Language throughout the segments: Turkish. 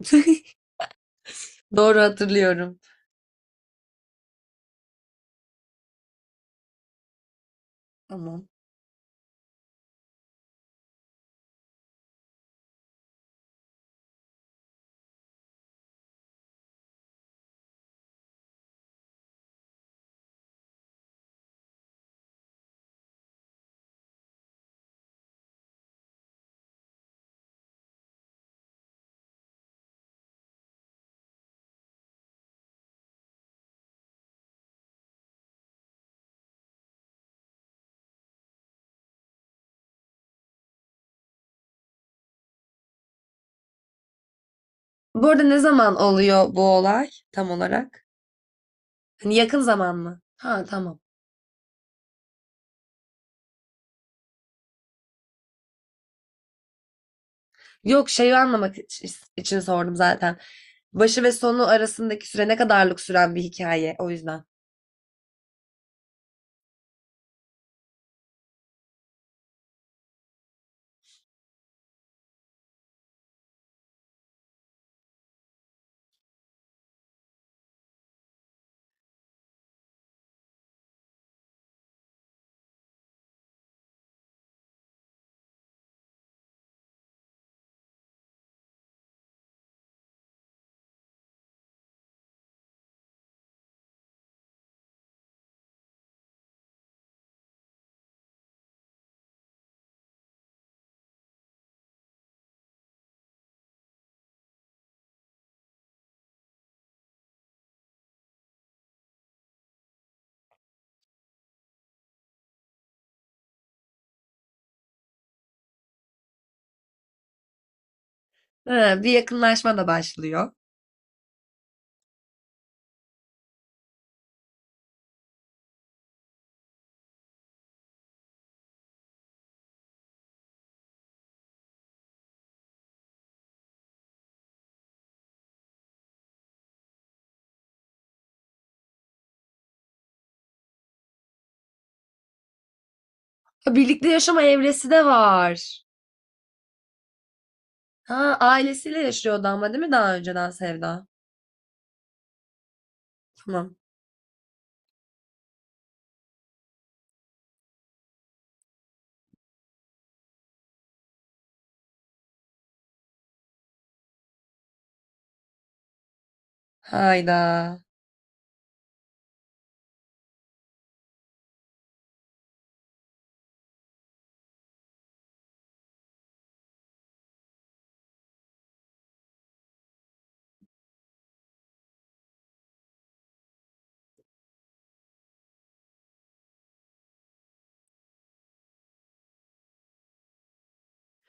Doğru hatırlıyorum. Tamam. Bu arada ne zaman oluyor bu olay tam olarak? Hani yakın zaman mı? Ha, tamam. Yok, şeyi anlamak için sordum zaten. Başı ve sonu arasındaki süre ne kadarlık süren bir hikaye, o yüzden. Ha, bir yakınlaşma da başlıyor. Ha, birlikte yaşama evresi de var. Ha, ailesiyle yaşıyordu ama değil mi daha önceden Sevda? Tamam. Hayda.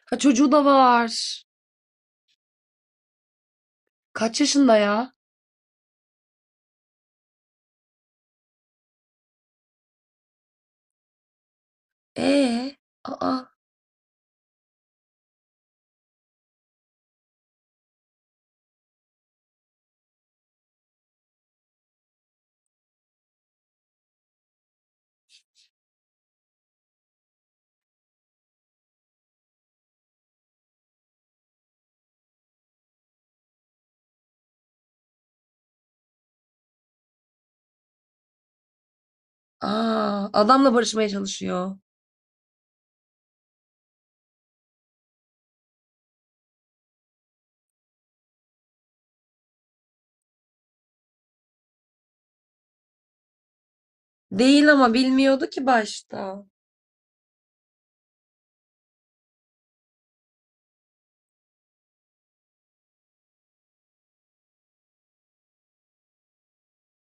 Ha, çocuğu da var. Kaç yaşında ya? Ee, aa, aa, adamla barışmaya çalışıyor. Değil ama bilmiyordu ki başta.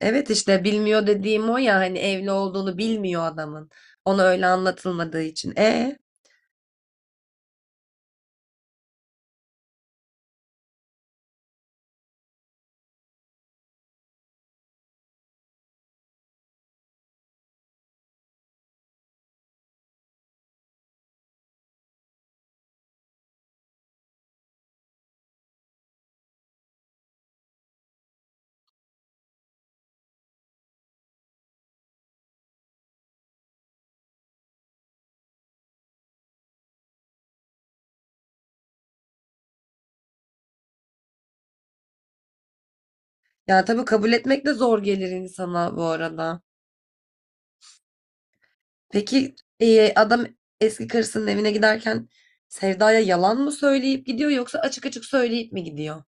Evet, işte bilmiyor dediğim o ya, hani evli olduğunu bilmiyor adamın. Ona öyle anlatılmadığı için. E ya, tabii kabul etmek de zor gelir insana, bu arada. Peki, adam eski karısının evine giderken Sevda'ya yalan mı söyleyip gidiyor, yoksa açık açık söyleyip mi gidiyor?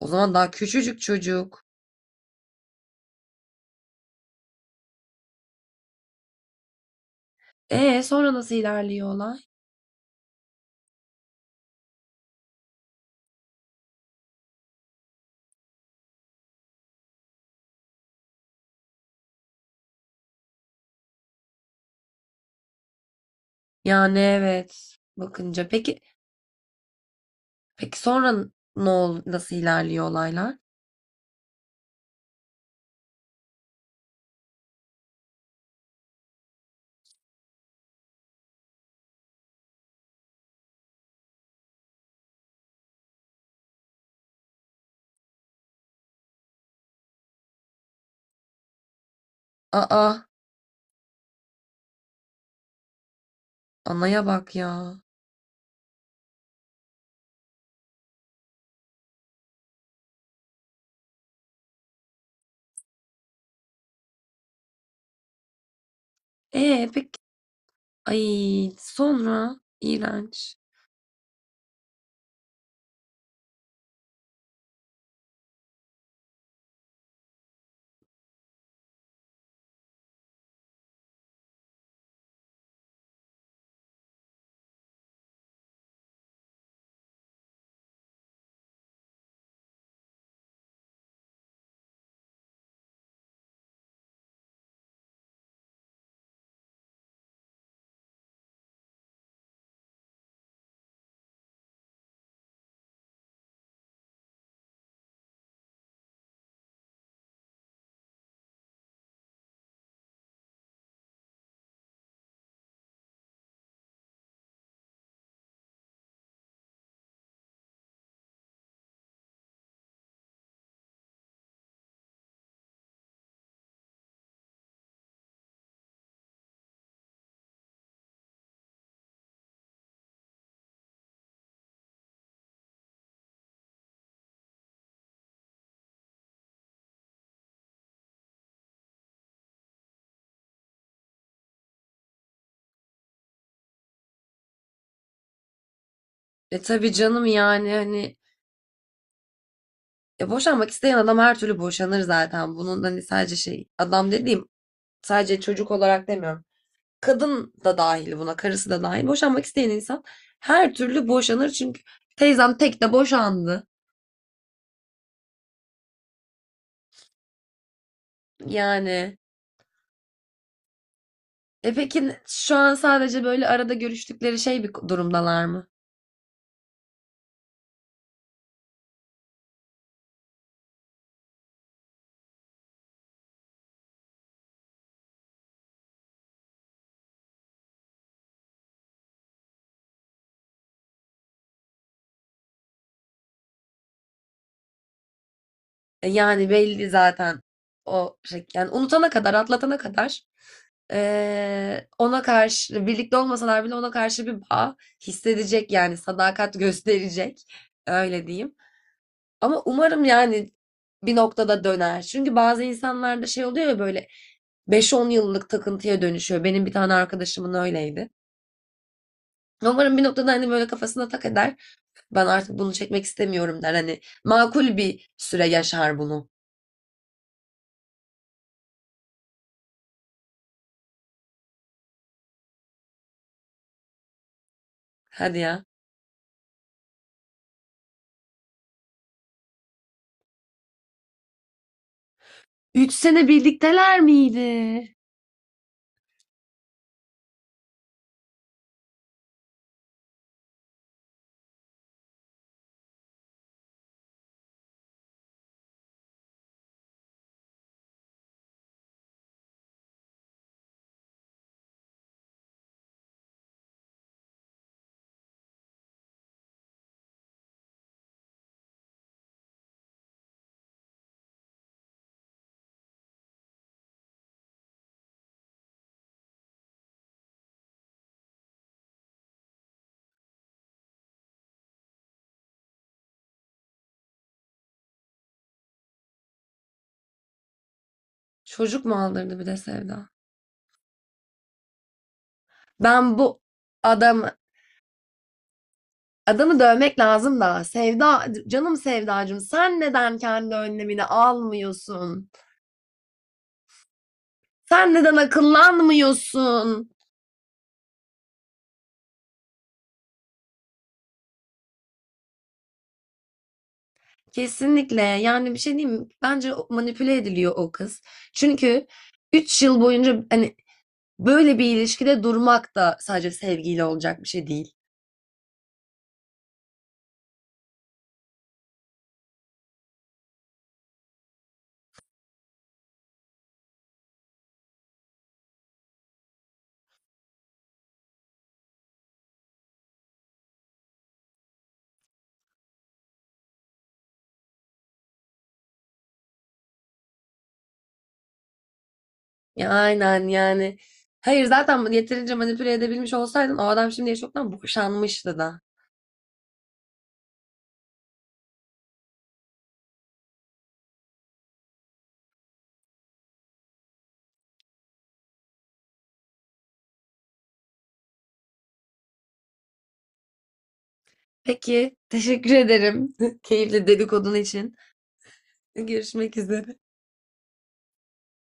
O zaman daha küçücük çocuk. E sonra nasıl ilerliyor olay? Yani evet, bakınca peki, peki sonra ne ol nasıl ilerliyor olaylar? Aa. Anaya bak ya. E peki, ay sonra iğrenç. E tabii canım, yani hani boşanmak isteyen adam her türlü boşanır zaten. Bunun hani sadece şey, adam dediğim sadece çocuk olarak demiyorum. Kadın da dahil buna, karısı da dahil. Boşanmak isteyen insan her türlü boşanır, çünkü teyzem tek de boşandı. Yani peki, şu an sadece böyle arada görüştükleri şey bir durumdalar mı? Yani belli zaten o şey. Yani unutana kadar, atlatana kadar ona karşı, birlikte olmasalar bile, ona karşı bir bağ hissedecek, yani sadakat gösterecek. Öyle diyeyim. Ama umarım yani bir noktada döner. Çünkü bazı insanlarda şey oluyor ya, böyle beş on yıllık takıntıya dönüşüyor. Benim bir tane arkadaşımın öyleydi. Umarım bir noktada hani böyle kafasına tak eder. Ben artık bunu çekmek istemiyorum, der. Hani makul bir süre yaşar bunu. Hadi ya. 3 sene birlikteler miydi? Çocuk mu aldırdı bir de Sevda? Ben bu adam adamı dövmek lazım da. Sevda, canım Sevdacığım, sen neden kendi önlemini almıyorsun? Sen neden akıllanmıyorsun? Kesinlikle. Yani bir şey diyeyim mi? Bence manipüle ediliyor o kız. Çünkü 3 yıl boyunca hani böyle bir ilişkide durmak da sadece sevgiyle olacak bir şey değil. Ya aynen yani. Hayır, zaten yeterince manipüle edebilmiş olsaydın, o adam şimdiye çoktan boşanmıştı da. Peki, teşekkür ederim. Keyifli dedikodun için. Görüşmek üzere.